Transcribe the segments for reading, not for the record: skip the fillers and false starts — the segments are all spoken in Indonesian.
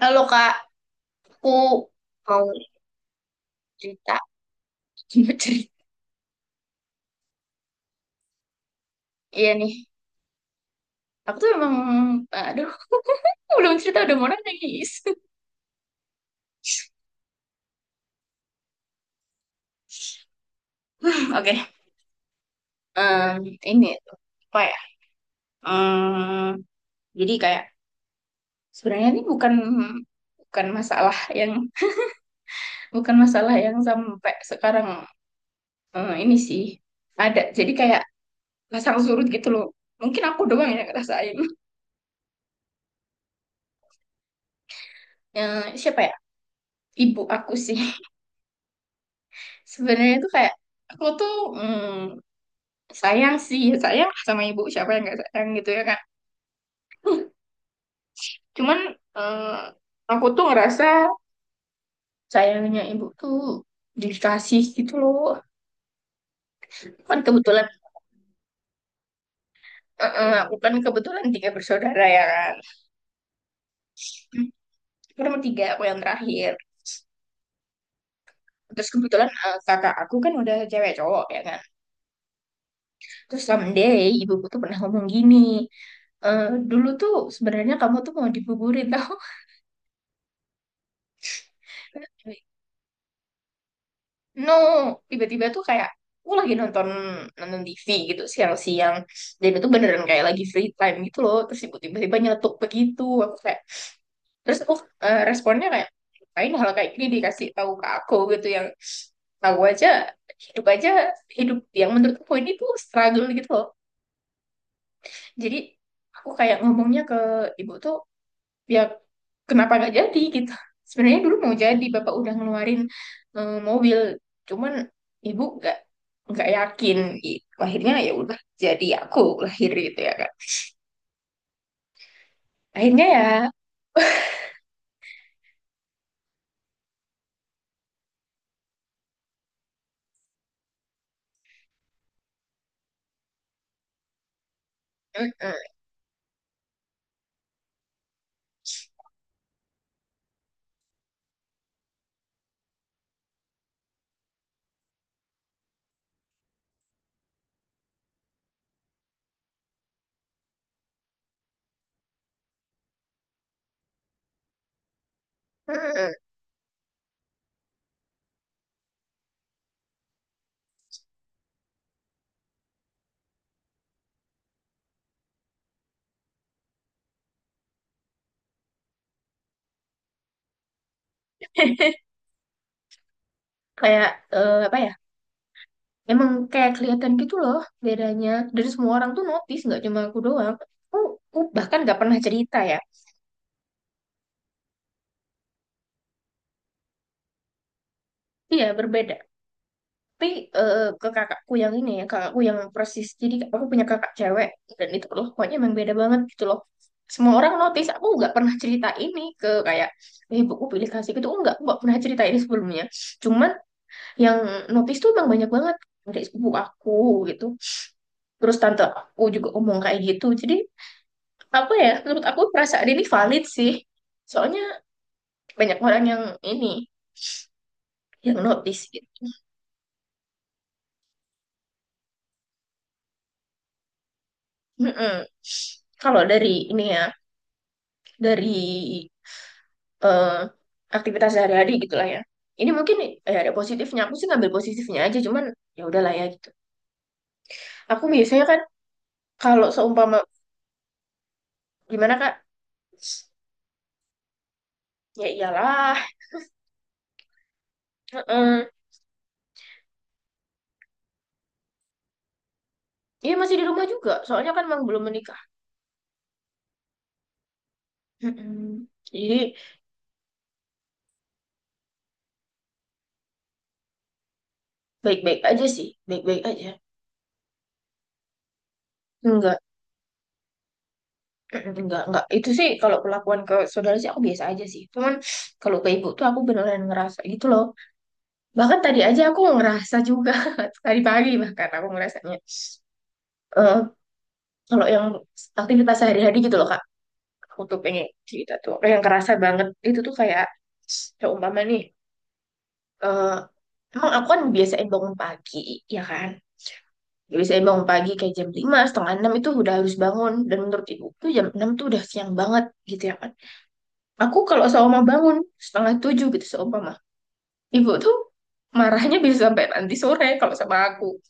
Halo Kak, aku mau cerita, mau cerita. Iya nih, aku tuh emang, aduh, belum cerita udah mau nangis. Oke. Em, ini tuh, apa ya? Em, jadi kayak sebenarnya ini bukan bukan masalah yang bukan masalah yang sampai sekarang ini sih ada. Jadi kayak pasang surut gitu loh. Mungkin aku doang yang ngerasain. Yang siapa ya? Ibu aku sih. Sebenarnya itu kayak aku tuh sayang sih, ya sayang lah sama ibu. Siapa yang nggak sayang gitu ya kan? Cuman eh, aku tuh ngerasa sayangnya ibu tuh dikasih gitu loh. Kan kebetulan, aku kan kebetulan tiga bersaudara ya kan. Hmm. Aku nomor tiga, aku yang terakhir. Terus kebetulan kakak aku kan udah cewek cowok ya kan. Terus someday ibuku tuh pernah ngomong gini, "Eh, dulu tuh sebenarnya kamu tuh mau dibuburin tau." No, tiba-tiba tuh kayak aku lagi nonton nonton TV gitu siang-siang dan itu beneran kayak lagi free time gitu loh, terus ibu tiba-tiba nyeletuk begitu aku kayak, terus aku responnya kayak lain hal kayak gini dikasih tahu ke aku gitu, yang tahu aja, hidup aja, hidup yang menurut aku ini tuh struggle gitu loh. Jadi aku kayak ngomongnya ke ibu tuh, ya kenapa nggak jadi gitu, sebenarnya dulu mau jadi bapak udah ngeluarin mobil, cuman ibu nggak yakin gitu. Akhirnya ya udah jadi aku lahir gitu ya kan, akhirnya ya mm-mm, mm-mm. Kayak apa ya, emang kayak kelihatan gitu loh bedanya, dan semua orang tuh notice nggak cuma aku doang. aku, aku bahkan nggak pernah cerita ya, iya berbeda, tapi ke kakakku yang ini ya, kakakku yang persis, jadi aku punya kakak cewek dan itu perlakuannya emang beda banget gitu loh. Semua orang notice, aku nggak pernah cerita ini ke kayak eh ibuku pilih kasih gitu, enggak, aku nggak pernah cerita ini sebelumnya, cuman yang notice tuh emang banyak banget, dari sepupu aku gitu, terus tante aku juga ngomong kayak gitu. Jadi apa ya, menurut aku perasaan ini valid sih, soalnya banyak orang yang ini, yang notice gitu. Mm-mm. Kalau dari ini ya, dari eh, aktivitas sehari-hari gitulah ya. Ini mungkin ya ada positifnya. Aku sih ngambil positifnya aja, cuman ya udahlah ya gitu. Aku biasanya kan kalau seumpama gimana Kak? Ya iyalah. Heeh. Iya masih di rumah juga. Soalnya kan memang belum menikah. Heeh. Jadi baik-baik aja sih, baik-baik aja. Enggak. Enggak, enggak. Itu sih kalau perlakuan ke saudara sih aku biasa aja sih. Cuman kalau ke ibu tuh aku beneran ngerasa gitu loh. Bahkan tadi aja aku ngerasa juga tadi pagi bahkan aku ngerasanya. Eh, kalau yang aktivitas sehari-hari gitu loh kak, aku tuh pengen cerita tuh yang kerasa banget itu tuh kayak ya umpama nih, eh emang aku kan biasain bangun pagi ya kan, biasain bangun pagi kayak jam 5 setengah 6 itu udah harus bangun, dan menurut ibu tuh jam 6 tuh udah siang banget gitu ya kan. Aku kalau seumpama bangun setengah 7 gitu seumpama, ibu tuh marahnya bisa sampai nanti sore kalau sama aku.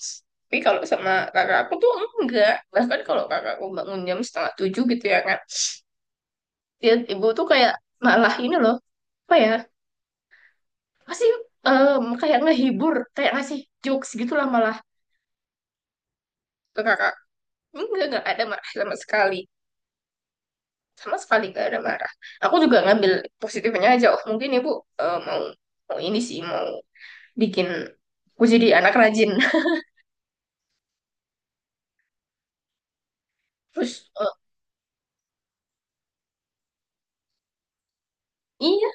Tapi kalau sama kakak aku tuh enggak, bahkan kalau kakak aku bangun jam setengah 7 gitu ya kan, dia ibu tuh kayak malah ini loh, apa ya, masih kayak ngehibur, kayak ngasih jokes gitulah malah ke kakak, enggak nggak ada marah sama sekali, sama sekali nggak ada marah. Aku juga ngambil positifnya aja, oh mungkin ibu mau mau ini sih, mau bikin aku jadi anak rajin. Terus eh, iya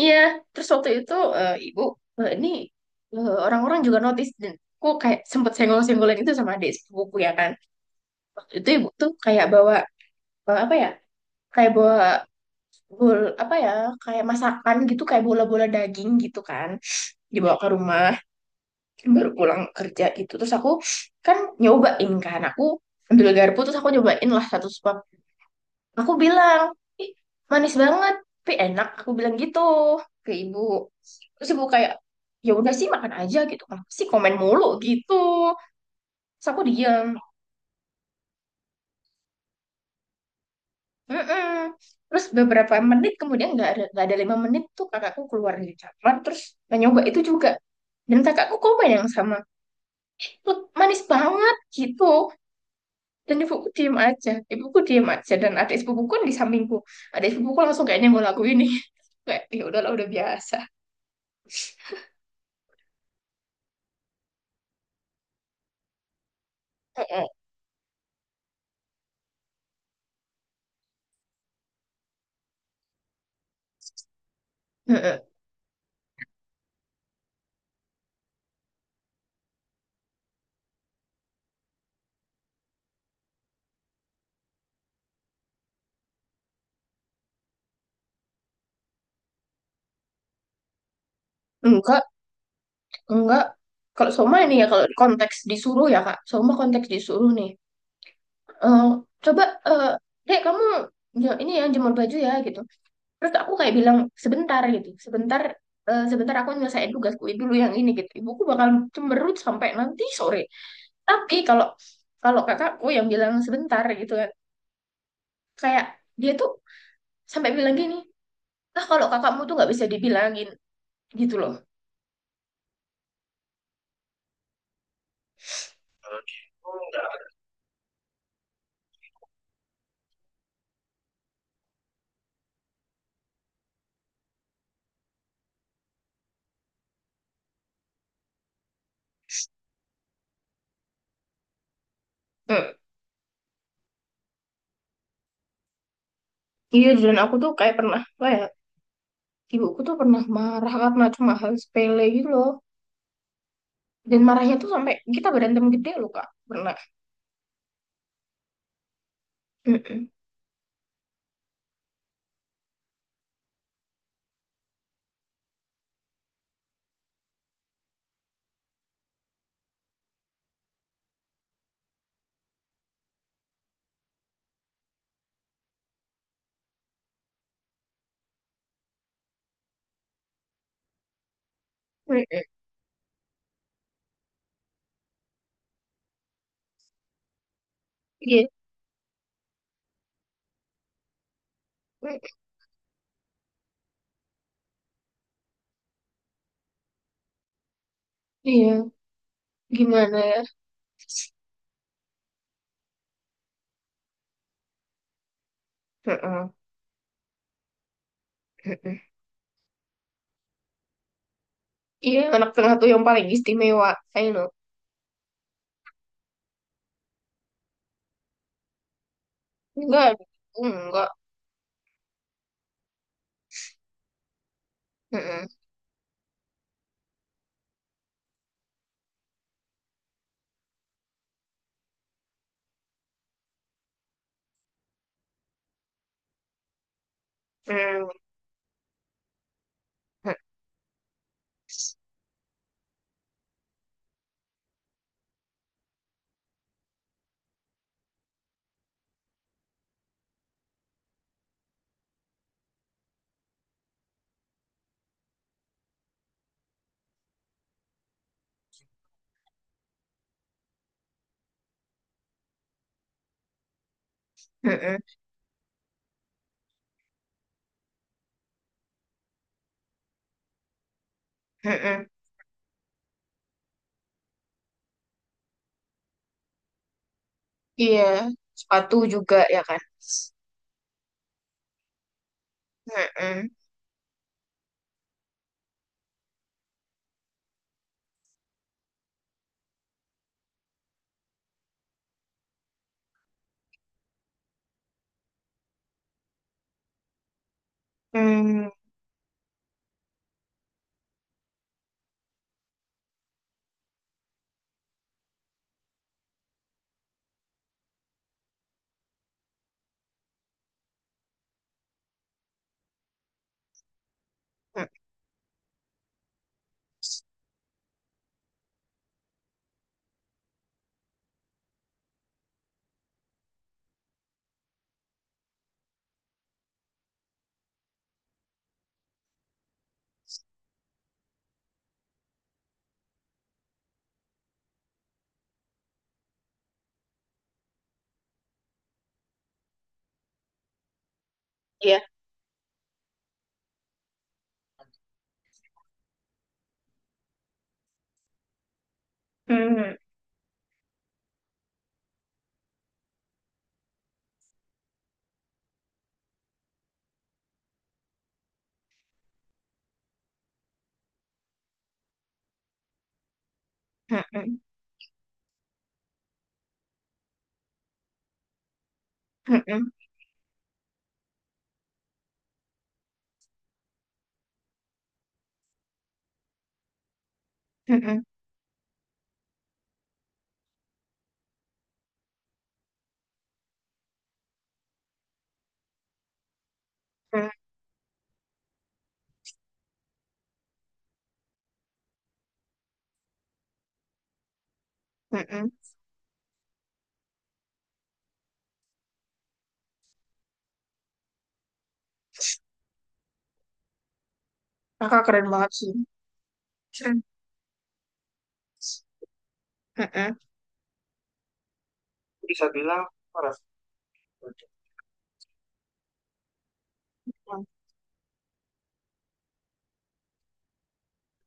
iya, terus waktu itu ibu ini orang-orang juga notice, dan aku kayak sempet senggol-senggolan itu sama adik sepupuku ya kan, waktu itu ibu tuh kayak bawa apa ya, kayak bola, bol apa ya, kayak masakan gitu, kayak bola-bola daging gitu kan, dibawa ke rumah baru pulang kerja gitu, terus aku kan nyobain kan, aku ambil garpu terus aku nyobain lah satu suap, aku bilang ih manis banget tapi enak aku bilang gitu ke ibu. Terus ibu kayak ya udah sih makan aja gitu, kenapa sih komen mulu gitu. Terus aku diam. Mm-mm. Terus beberapa menit kemudian, nggak ada lima menit tuh kakakku keluar dari kamar, terus nyoba itu juga, dan kakakku komen yang sama itu, manis banget gitu. Dan ibuku diem aja, ibuku diem aja. Dan adik sepupuku kan di sampingku, adik sepupuku langsung kayaknya nggak laku ini kayak ya udahlah udah biasa. Mm-mm. Enggak, enggak. Kalau Soma ini ya, kalau konteks disuruh ya kak Soma, konteks disuruh nih. Eh, Coba eh dek kamu ya, ini ya jemur baju ya gitu. Terus aku kayak bilang sebentar gitu, sebentar, sebentar aku nyelesain tugasku dulu yang ini gitu. Ibuku bakal cemberut sampai nanti sore. Tapi kalau kalau kakakku yang bilang sebentar gitu kan, kayak dia tuh sampai bilang gini, ah kalau kakakmu tuh nggak bisa dibilangin gitu loh. Hmm. Iya, dan aku tuh kayak pernah kayak ibuku tuh pernah marah karena cuma hal sepele gitu loh. Dan marahnya tuh sampai kita berantem gede loh Kak. Pernah. Mm-mm. Mm-mm. Iya. Mm-mm. Iya. Gimana ya? Mm-mm. Mm-mm. Iya, anak tengah tuh yang paling istimewa. I know. Enggak, enggak. Mm-mm. Mm. Mm-mm. Mm-mm. Iya, sepatu juga ya kan. Mm-mm. Mm. Mm. Iya. Mm. Mm-mm. Mm-mm. Mm-mm. Mm-mm. Kakak keren banget sih. Keren. Mm-mm. Bisa bilang parah.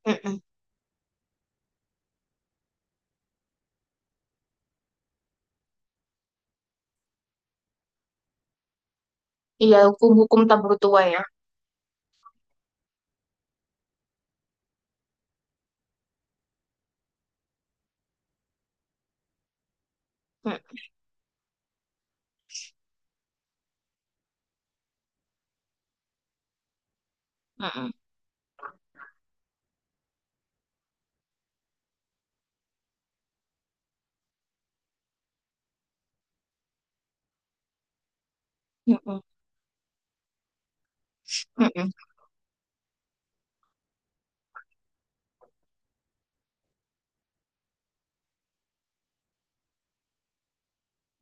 Mm-mm. Iya, hukum-hukum tak tua ya. Mm. Mm-mm. Mm-mm. Mm-mm.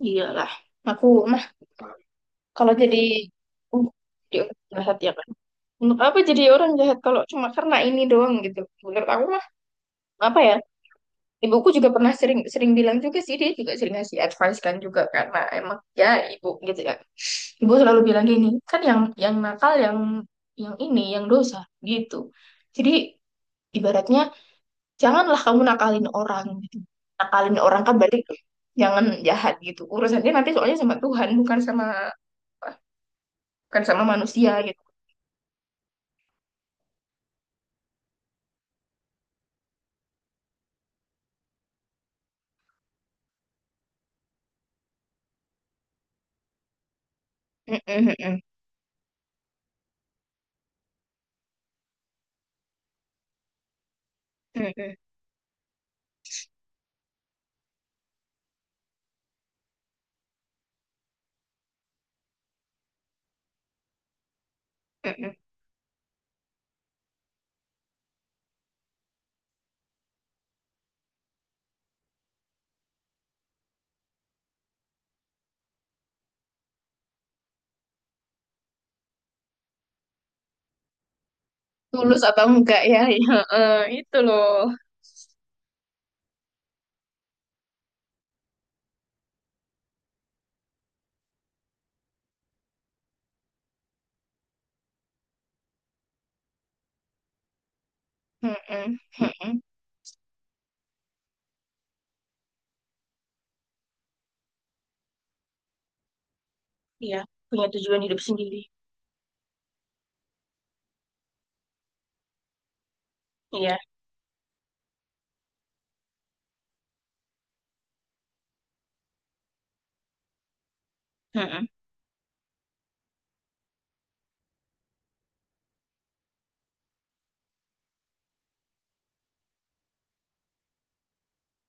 Iyalah. Aku mah kalau jadi uh, di universitas ya kan? Untuk apa jadi orang jahat kalau cuma karena ini doang gitu. Menurut aku mah apa ya? Ibuku juga pernah sering sering bilang juga sih, dia juga sering ngasih advice kan, juga karena emang ya ibu gitu ya. Ibu selalu bilang gini, kan yang nakal yang ini yang dosa gitu. Jadi ibaratnya janganlah kamu nakalin orang gitu. Nakalin orang kan berarti jangan jahat gitu. Urusannya nanti soalnya sama Tuhan, bukan sama bukan sama manusia gitu. Mm, mm, mm, mm, mm, mm, mm. Tulus atau enggak ya, ya itu loh. Mm-mm, mm-mm. Iya, punya tujuan hidup sendiri. Iya. Mm-mm.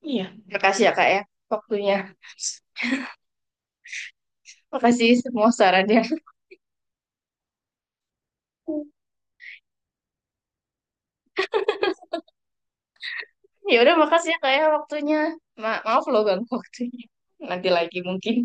Iya, makasih ya kak ya, waktunya, makasih semua sarannya. Ya udah, makasih ya kak ya, waktunya. Ma- maaf loh ganggu waktunya, nanti lagi mungkin